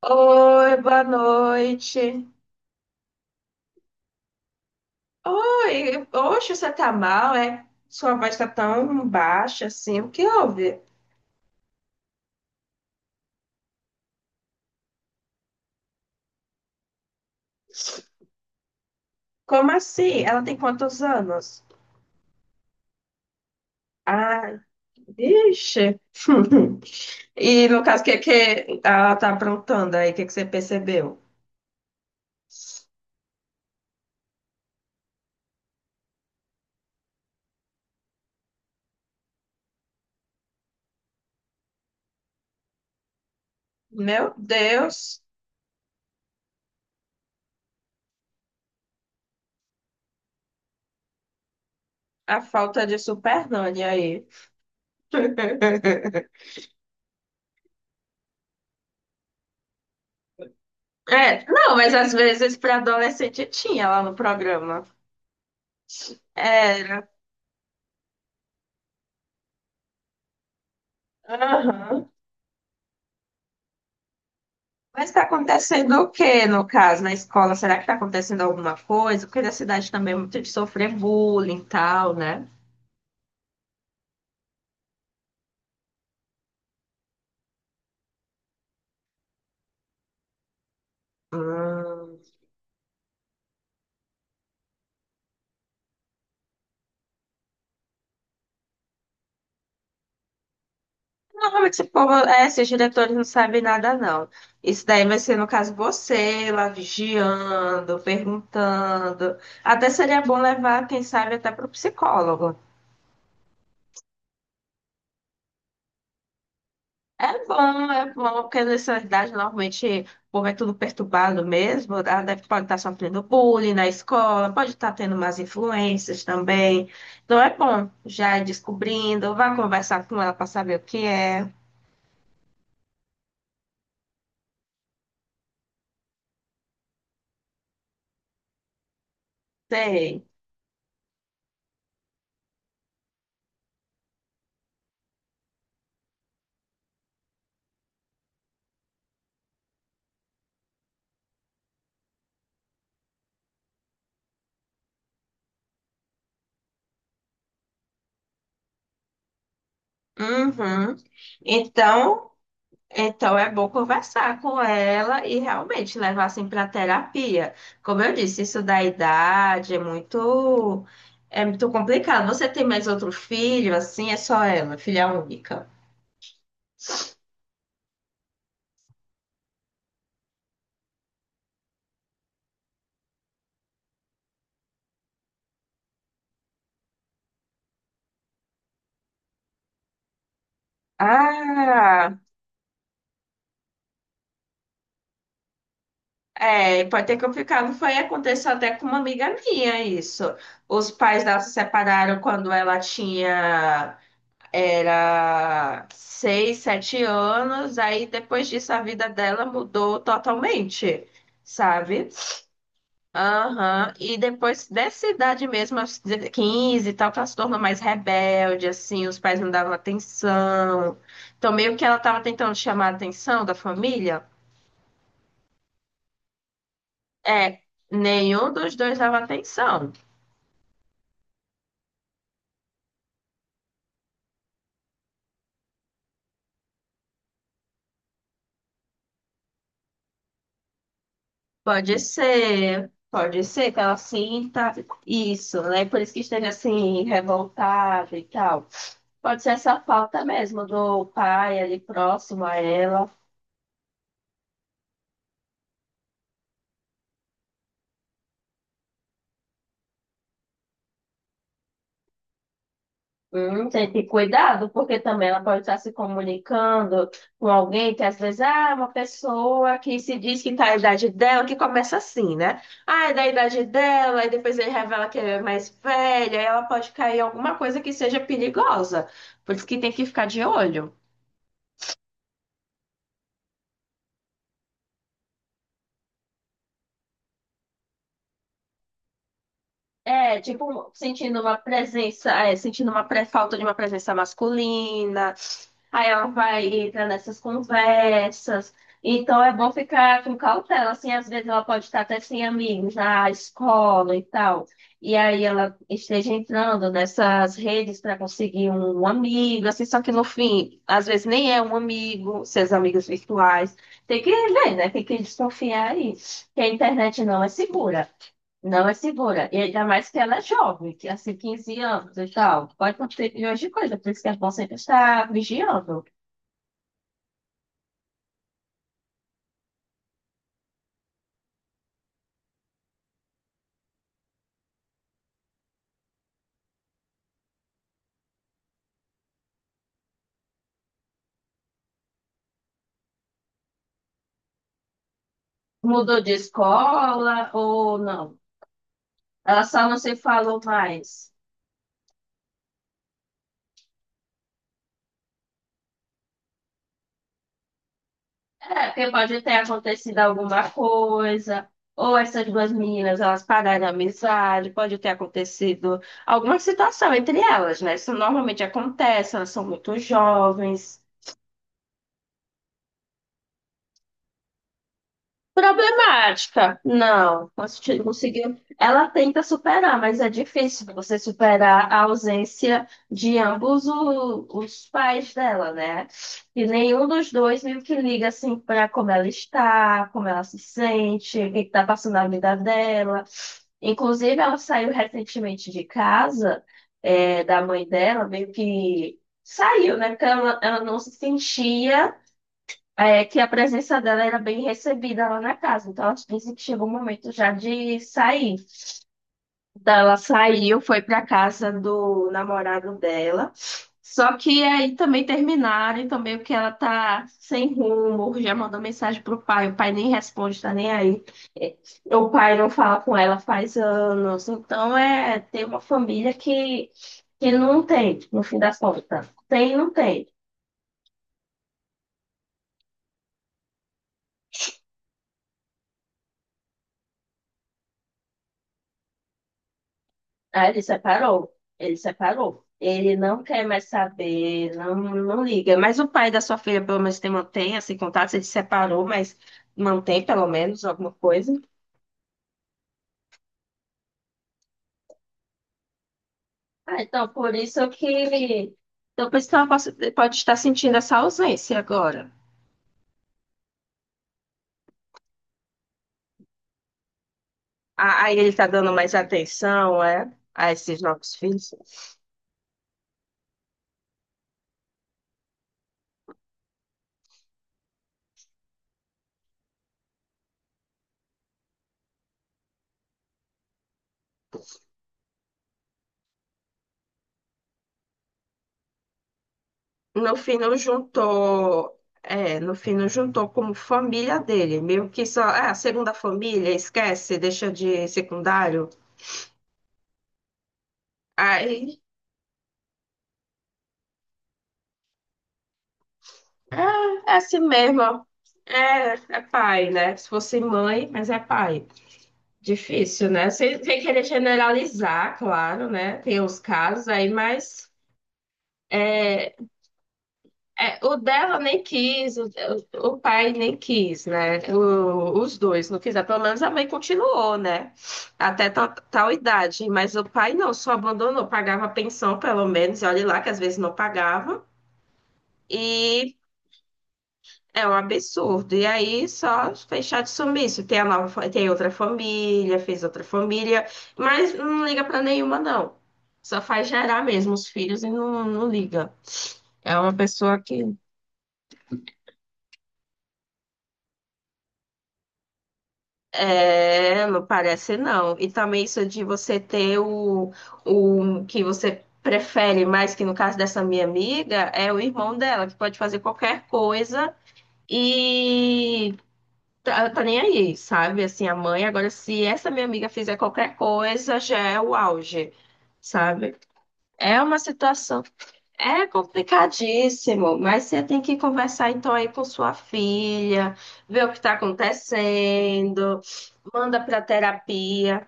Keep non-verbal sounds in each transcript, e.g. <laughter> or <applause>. Oi, boa noite. Oi, oxe, você tá mal, é? Sua voz tá tão baixa assim. O que houve? Como assim? Ela tem quantos anos? Ah, vixe. <laughs> E no caso, o que que ela tá aprontando aí? O que que você percebeu? Meu Deus, a falta de supernanny aí. <laughs> É, não, mas às vezes para adolescente tinha lá no programa. Era. Aham. Mas está acontecendo o que no caso, na escola? Será que está acontecendo alguma coisa? Porque na cidade também é muito de sofrer bullying e tal, né? Hum. Normalmente esse povo, é, esses diretores não sabem nada, não. Isso daí vai ser, no caso, você lá vigiando, perguntando. Até seria bom levar, quem sabe, até para o psicólogo. É bom, porque nessa idade normalmente o povo é tudo perturbado mesmo. Ela deve- pode estar sofrendo bullying na escola, pode estar tendo umas influências também. Então é bom já ir descobrindo, vá conversar com ela para saber o que é. Sei. Uhum. Então, então é bom conversar com ela e realmente levar assim para terapia. Como eu disse, isso da idade é muito complicado. Você tem mais outro filho assim? É só ela, filha única. Ah, é, pode ter complicado. Foi, aconteceu até com uma amiga minha isso. Os pais dela se separaram quando ela tinha era seis, sete anos, aí depois disso a vida dela mudou totalmente, sabe? Aham, e depois dessa idade mesmo, aos 15 e tal, que ela se tornou mais rebelde, assim, os pais não davam atenção. Então, meio que ela tava tentando chamar a atenção da família. É, nenhum dos dois dava atenção. Pode ser que ela sinta isso, né? Por isso que esteja assim, revoltada e tal. Pode ser essa falta mesmo do pai ali próximo a ela. Tem que ter cuidado, porque também ela pode estar se comunicando com alguém que às vezes ah, é uma pessoa que se diz que está na idade dela, que começa assim, né? Ah, é da idade dela, e depois ele revela que é mais velha, aí ela pode cair em alguma coisa que seja perigosa. Por isso que tem que ficar de olho. É, tipo, sentindo uma presença, é, sentindo uma pré- falta de uma presença masculina, aí ela vai entrar nessas conversas. Então é bom ficar com cautela, assim, às vezes ela pode estar até sem amigos na escola e tal. E aí ela esteja entrando nessas redes para conseguir um amigo, assim, só que no fim, às vezes nem é um amigo, seus amigos virtuais. Tem que ver, né? Tem que desconfiar aí. Que a internet não é segura. Não é segura. E ainda mais que ela é jovem, que é assim, 15 anos e tal. Pode acontecer milhões de coisas, por isso que é bom sempre estar vigiando. Mudou de escola ou não? Ela só não se falou mais. É, porque pode ter acontecido alguma coisa, ou essas duas meninas, elas pararam a amizade, pode ter acontecido alguma situação entre elas, né? Isso normalmente acontece, elas são muito jovens. Problemática. Não, consti- conseguiu. Ela tenta superar, mas é difícil você superar a ausência de ambos o- os pais dela, né? E nenhum dos dois meio que liga assim para como ela está, como ela se sente, o que está passando na vida dela. Inclusive, ela saiu recentemente de casa, é, da mãe dela, meio que saiu, né? Porque ela não se sentia. É que a presença dela era bem recebida lá na casa. Então, elas dizem que chegou o momento já de sair. Então, ela saiu, foi para casa do namorado dela. Só que aí também terminaram, então meio que ela tá sem rumo, já mandou mensagem pro pai, o pai nem responde, tá nem aí. O pai não fala com ela faz anos. Então, é, tem uma família que não tem, no fim das contas. Tem e não tem. Ah, ele separou. Ele separou. Ele não quer mais saber, não, não liga. Mas o pai da sua filha, pelo menos, tem, mantém esse contato. Ele se separou, mas mantém, pelo menos, alguma coisa. Ah, então, por isso que. Então, por isso que ela possa- pode estar sentindo essa ausência agora. Ah, aí ele está dando mais atenção, é, a esses novos filhos. No fim, não juntou. É, no fim, não juntou como família dele. Meio que só. É, a segunda família, esquece, deixa de secundário. Aí, é, é assim mesmo. Ó. É, é pai, né? Se fosse mãe, mas é pai. Difícil, né? Sem, sem querer generalizar, claro, né? Tem os casos aí, mas é, o dela nem quis, o pai nem quis, né? O- os dois não quiseram. Pelo menos a mãe continuou, né? Até tal, tal idade. Mas o pai não, só abandonou, pagava pensão, pelo menos, e olha lá que às vezes não pagava. E é um absurdo. E aí só fechar de sumiço. Tem a nova, fa- tem outra família, fez outra família, mas não liga pra nenhuma, não. Só faz gerar mesmo os filhos e não, não liga. É uma pessoa que é, não parece não. E também isso de você ter o que você prefere mais, que no caso dessa minha amiga, é o irmão dela, que pode fazer qualquer coisa. E tá, tá nem aí, sabe? Assim, a mãe, agora se essa minha amiga fizer qualquer coisa, já é o auge, sabe? É uma situação, é complicadíssimo, mas você tem que conversar então aí com sua filha, ver o que está acontecendo, manda para terapia.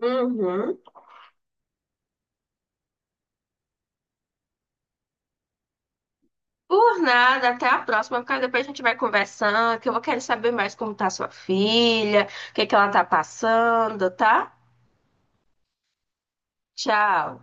Uhum. Por nada, até a próxima, porque depois a gente vai conversando, que eu vou querer saber mais como tá sua filha, o que que ela tá passando, tá? Tchau.